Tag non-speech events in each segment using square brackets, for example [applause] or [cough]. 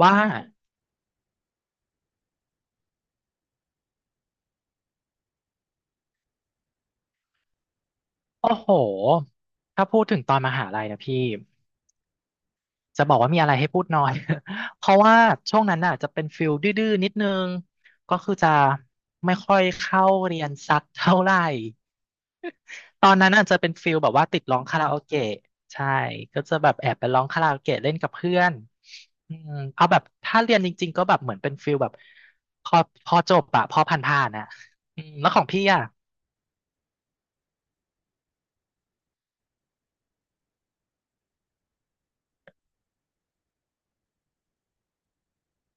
ว่าโอ้โหถ้าพูดถึงตอนมหาลัยนะพี่จะบอกว่ามีอะไรให้พูดน้อย [laughs] เพราะว่าช่วงนั้นน่ะจะเป็นฟิลดื้อๆนิดนึง ก็คือจะไม่ค่อยเข้าเรียนสักเท่าไหร่ตอนนั้นน่ะจะเป็นฟิลแบบว่าติดร้องคาราโอเกะใช่ ก็จะแบบแอบไปร้องคาราโอเกะเล่นกับเพื่อนอืมเอาแบบถ้าเรียนจริงๆก็แบบเหมือนเป็นฟิลแบบพอพอจบอะพอผ่านๆอะอืมแล้วของพี่อะ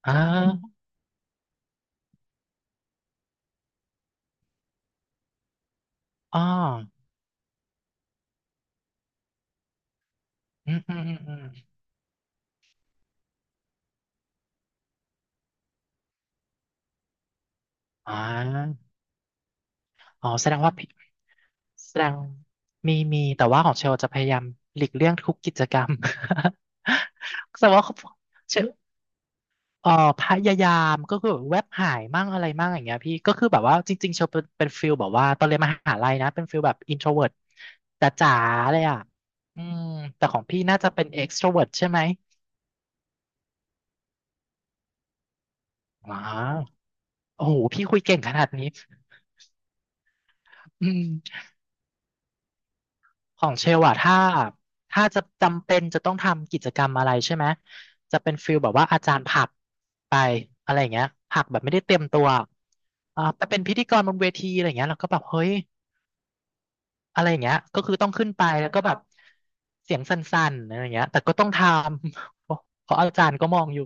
อ่าอ๋ออืมอืมอืมอมอ่า อ๋อแสดงว่าพี่แสดงมีแต่ว่าของเชลจะพยายามหลีกเลี่ยงทุกกิจกรรม [laughs] แต่ว่าเขาชลเอ่อพยายามก็คือแบบแวบหายมั่งอะไรมั่งอย่างเงี้ยพี่ก็คือแบบว่าจริงๆเชลเป็นฟิลแบบว่าตอนเรียนมหาลัยนะเป็นฟิลแบบอินโทรเวิร์ตจ๋าๆเลยอ่ะอืมแต่ของพี่น่าจะเป็นเอ็กโทรเวิร์ตใช่ไหมอ๋อโอ้โหพี่คุยเก่งขนาดนี้อืม ของเชลอะถ้าจะจำเป็นจะต้องทำกิจกรรมอะไรใช่ไหมจะเป็นฟิลแบบว่าอาจารย์ผลักไปอะไรอย่างเงี้ยผลักแบบไม่ได้เตรียมตัวอ่าไปเป็นพิธีกรบนเวทีอะไรอย่างเงี้ยเราก็แบบเฮ้ยอะไรอย่างเงี้ยก็คือต้องขึ้นไปแล้วก็แบบเสียงสั่นๆอะไรอย่างเงี้ยแต่ก็ต้องทำ [laughs] เพราะอาจารย์ก็มองอยู่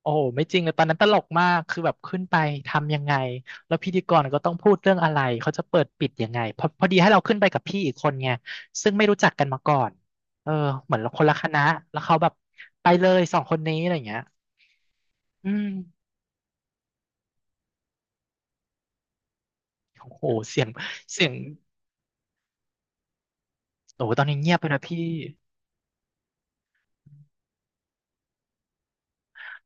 โอ้โหไม่จริงเลยตอนนั้นตลกมากคือแบบขึ้นไปทำยังไงแล้วพิธีกรก็ต้องพูดเรื่องอะไรเขาจะเปิดปิดยังไงพอดีให้เราขึ้นไปกับพี่อีกคนไงซึ่งไม่รู้จักกันมาก่อนเออเหมือนเราคนละคณะแล้วเขาแบบไปเลยสองคนนี้อะไรอย่างเงี้ยอืมโอ้โหเสียงเสียงโอ้โหตอนนี้เงียบไปนะพี่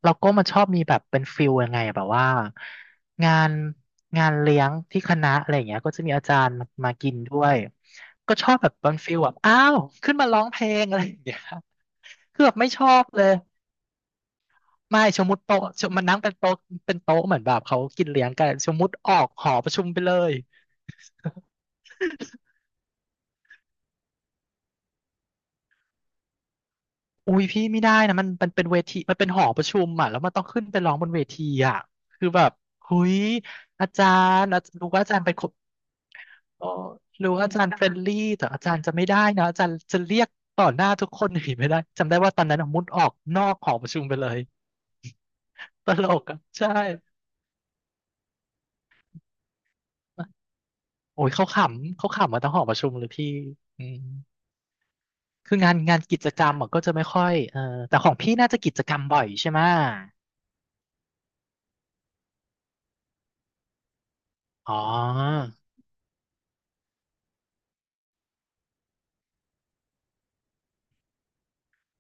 แล้วก็มันชอบมีแบบเป็นฟิลยังไงอะแบบว่างานงานเลี้ยงที่คณะอะไรอย่างเงี้ยก็จะมีอาจารย์มามากินด้วยก็ชอบแบบเป็นฟิลแบบอ้าวขึ้นมาร้องเพลงอะไรอย่างเงี้ยคือแบบไม่ชอบเลยไม่สมมติโต๊ะมันนั่งเป็นโต๊ะเป็นโต๊ะเหมือนแบบเขากินเลี้ยงกันสมมติออกหอประชุมไปเลยอุ้ยพี่ไม่ได้นะมันเป็นเวทีมันเป็นหอประชุมอ่ะแล้วมันต้องขึ้นไปร้องบนเวทีอ่ะคือแบบหุยอาจารย์อาจรู้ว่าอาจารย์เป็นคน อ๋อรู้อาจารย์เฟรนลี่แต่อาจารย์จะไม่ได้นะอาจารย์จะเรียกต่อหน้าทุกคนหนีไม่ได้จำได้ว่าตอนนั้นอะมุดออกนอกหอประชุมไปเลยตลกอ่ะใช่โอ้ยเขาขำมาทั้งหอประชุมเลยพี่อืมคืองานกิจกรรมอะก็จะไม่ค่อยเออแต่ของพี่น่าจะกิจกรรมบ่อยใช่ไหมอ๋อ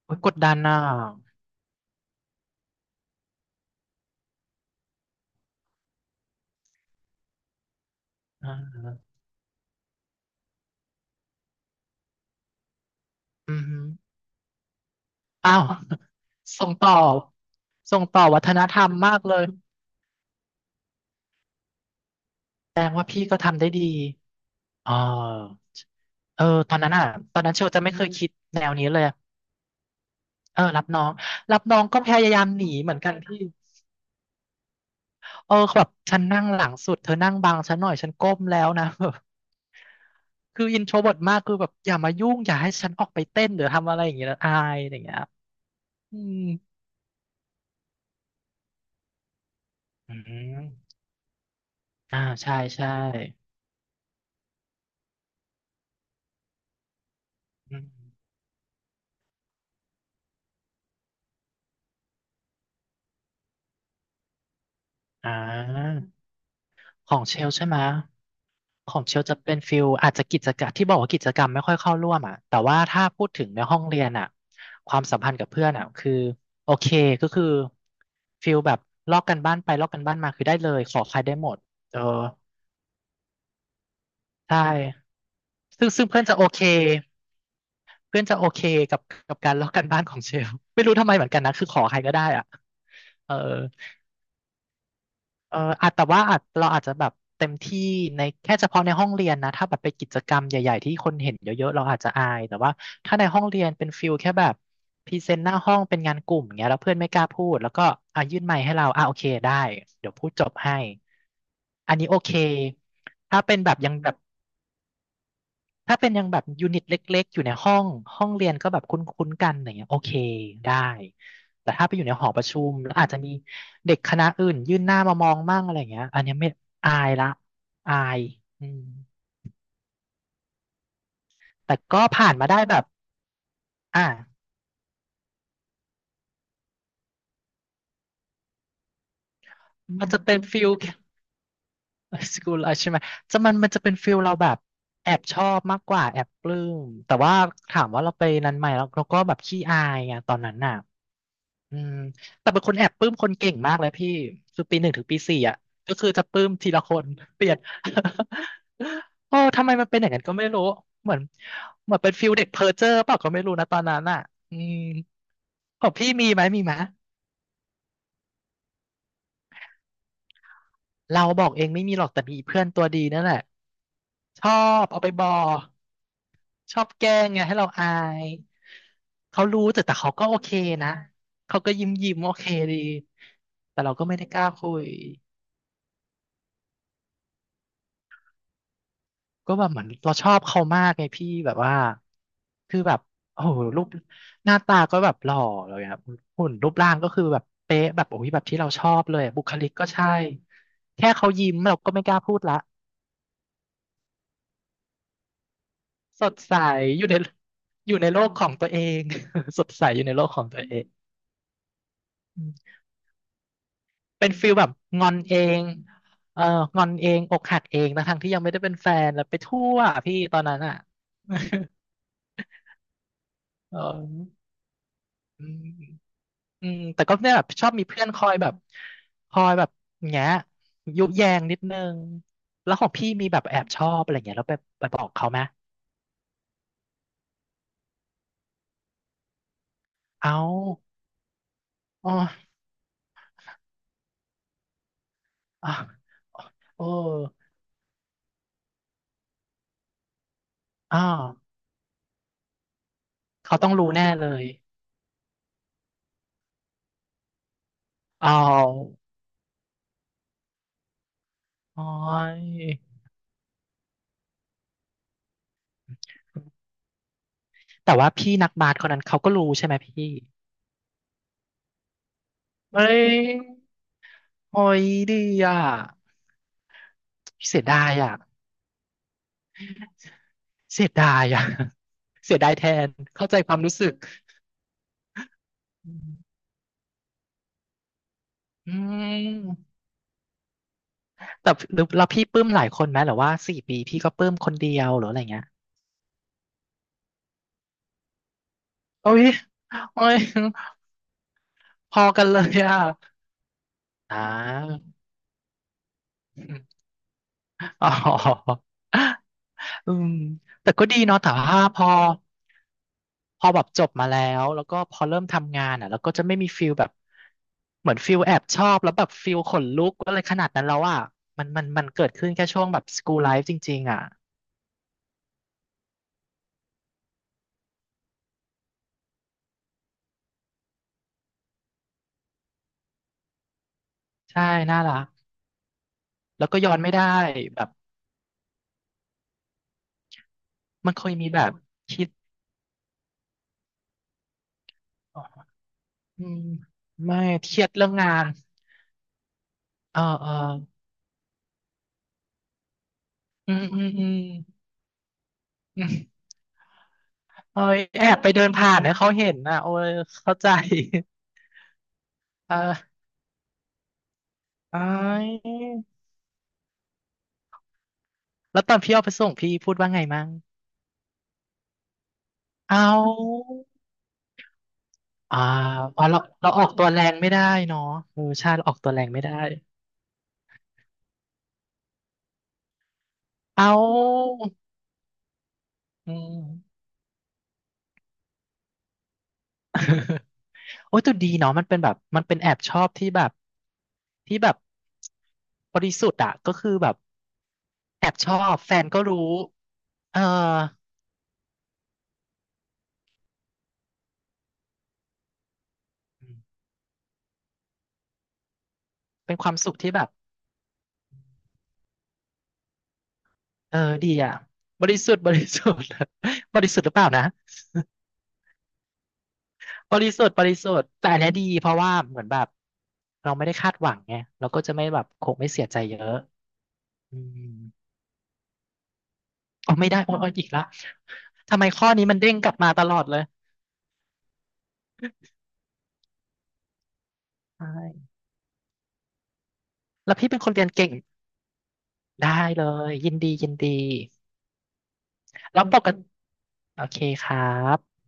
โอ้ยกดดันอ่ะอ่าอืมฮึอ้าว [laughs] ส่งต่อส่งต่อวัฒนธรรมมากเลยแสดงว่าพี่ก็ทำได้ดีอ๋อ เออตอนนั้นอ่ะตอนนั้นเชลจะไม่เคยคิดแนวนี้เลยเออรับน้องรับน้องก็พยายามหนีเหมือนกันพี่เออแบบฉันนั่งหลังสุดเธอนั่งบังฉันหน่อยฉันก้มแล้วนะ [laughs] คืออินโทรเวิร์ตมากคือแบบอย่ามายุ่งอย่าให้ฉันออกไปเต้นหรือทำอะไรอย่างเงี้ยนะอายอะไรอย่างเงี้ยอืมอืมอ่าใช่ใช่อืมอ่าของเชลใช่ไหม ของเชลจะเป็นฟิลอาจจะกิจกรรมที่บอกว่ากิจกรรมไม่ค่อยเข้าร่วมอ่ะแต่ว่าถ้าพูดถึงในห้องเรียนอ่ะความสัมพันธ์กับเพื่อนอ่ะคือโอเคก็คือฟิลแบบลอกกันบ้านไปลอกกันบ้านมาคือได้เลยขอใครได้หมดเออใช่ซึ่งเพื่อนจะโอเคเพื่อนจะโอเคกับกับการลอกกันบ้านของเชลไม่รู้ทำไมเหมือนกันนะคือขอใครก็ได้อ่ะเออ เอออาจแต่ว่าอาจเราอาจจะแบบเต็มที่ในแค่เฉพาะในห้องเรียนนะถ้าแบบไปกิจกรรมใหญ่ๆที่คนเห็นเยอะๆเราอาจจะอาย แต่ว่าถ้าในห้องเรียนเป็นฟิลแค่แบบพรีเซนต์หน้าห้องเป็นงานกลุ่มเงี้ยแล้วเพื่อนไม่กล้าพูดแล้วก็อ่ะยื่นไมค์ให้เราอ่ะโอเคได้เดี๋ยวพูดจบให้อันนี้โอเคถ้าเป็นแบบยังแบบ ถ้าเป็นยังแบบยูนิตเล็กๆอยู่ในห้องห้องเรียนก็แบบคุ้นๆกันอย่างเงี้ยโอเคได้แต่ถ้าไปอยู่ในหอประชุมแล้วอาจจะมีเด็กคณะอื่นยื่นหน้ามามองมั่งอะไรอย่างเงี้ยอันเนี้ยไม่อายละอายอืมแต่ก็ผ่านมาได้แบบอ่ะมันจะเป็นฟิล [laughs] สกูลใช่ไหมจะมันจะเป็นฟิลเราแบบแอบชอบมากกว่าแอบปลื้มแต่ว่าถามว่าเราไปนั้นไหมแล้วเราก็แบบขี้อายไงตอนนั้นน่ะ อืมแต่เป็นคนแอบปลื้มคนเก่งมากเลยพี่คือปีหนึ่งถึงปีสี่อ่ะก็คือจะปลื้มทีละคนเปลี่ยน [laughs] โอ้ทำไมมันเป็นอย่างนั้นก็ไม่รู้เหมือนเหมือนเป็นฟิลเด็กเพอเจอร์เปล่าก็ไม่รู้นะตอนนั้นอ่ะอืมของพี่มีไหมมีไหมเราบอกเองไม่มีหรอกแต่มีเพื่อนตัวดีนั่นแหละชอบเอาไปบอชอบแกล้งไงให้เราอายเขารู้แต่เขาก็โอเคนะเขาก็ยิ้มยิ้มโอเคดีแต่เราก็ไม่ได้กล้าคุย ก็แบบเหมือนเราชอบเขามากไงพี่แบบว่าคือแบบโอ้โหรูปหน้าตาก็แบบหล่อเลยอะหุ่นรูปร่างก็คือแบบเป๊ะแบบโอ้ยแบบที่เราชอบเลยอะบุคลิกก็ใช่แค่เขายิ้มเราก็ไม่กล้าพูดละสดใสอยู่ใน [laughs] อยู่ในโลกของตัวเอง [laughs] สดใสอยู่ในโลกของตัวเองอืมเป็นฟิลแบบงอนเองเอองอนเองอกหักเองนะทั้งที่ยังไม่ได้เป็นแฟนแล้วไปทั่วพี่ตอนนั้นอ่ะ [laughs] เออ อืมแต่ก็เนี่ยแบบชอบมีเพื่อนคอยแบบคอยแบบแงะยุแยงนิดนึงแล้วของพี่มีแบบแอบชอบอะไรเงี้ยแล้วไปไปบอกเขาไหมเอาอ๋ออ๋อโอ้อ๋อเขาต้องรู้แน่เลยเอาอ๋อยแต่ว่าพี่นักบาสคนนั้นเขาก็รู้ใช่ไหมพี่เอ้ยโอ้ยดีอ่ะเสียดายอ่ะเสียดายอ่ะ [laughs] เสียดายแทนเข้าใจความรู้สึกอืม แต่หรือแล้วพี่ปลื้มหลายคนไหมหรือว่าสี่ปีพี่ก็ปลื้มคนเดียวหรืออะไรเงี้ยโอ้ยโอ้ยพอกันเลยอ่ะอ่าอ๋ออืมแต่ก็ดีเนาะแต่ว่าพอพอแบบจบมาแล้วแล้วก็พอเริ่มทำงานอ่ะแล้วก็จะไม่มีฟิลแบบเหมือนฟิลแอบชอบแล้วแบบฟิลขนลุกอะไรขนาดนั้นแล้วอ่ะมันเกิดขึ้นแค่ช่วงแบบสกู l ไลฟ์จริงๆอ่ะใช่น่ารักแล้วก็ย้อนไม่ได้แบบมันเคยมีแบบคิด อืมไม่เครียดเรื่องงานเออเอออืมอืมอืมอืมเอ้ยแอบไปเดินผ่านให้เขาเห็นนะโอ้ยเข้าใจ [laughs] เออเอ้ยแล้วตอนพี่เอาไปส่งพี่พูดว่าไงมั่งเอาอ่าอ๋อเราออกตัวแรงไม่ได้เนาะเออใช่เราออกตัวแรงไม่ได้เอาอืมโอ้ยแต่ดีเนาะมันเป็นแบบมันเป็นแอบชอบที่แบบที่แบบบริสุทธิ์อะก็คือแบบแอบชอบแฟนก็รู้ เออมเป็นความสุขที่แบบเออดีอ่ะบริสุทธิ์บริสุทธิ์ [laughs] บริสุทธิ์หรือเปล่านะบริสุทธิ์บริสุทธิ์แต่อันเนี้ยดีเพราะว่าเหมือนแบบเราไม่ได้คาดหวังไงเราก็จะไม่แบบคงไม่เสียใจเยอะอืมอ๋อไม่ได้โอ้ยโอยอีกละทำไมข้อนี้มันเด้งกลับมาตลอดเลยใช่แล้วพี่เป็นคนเรียนเก่งได้เลยยินดียินดีแล้วปกติโอเคครับ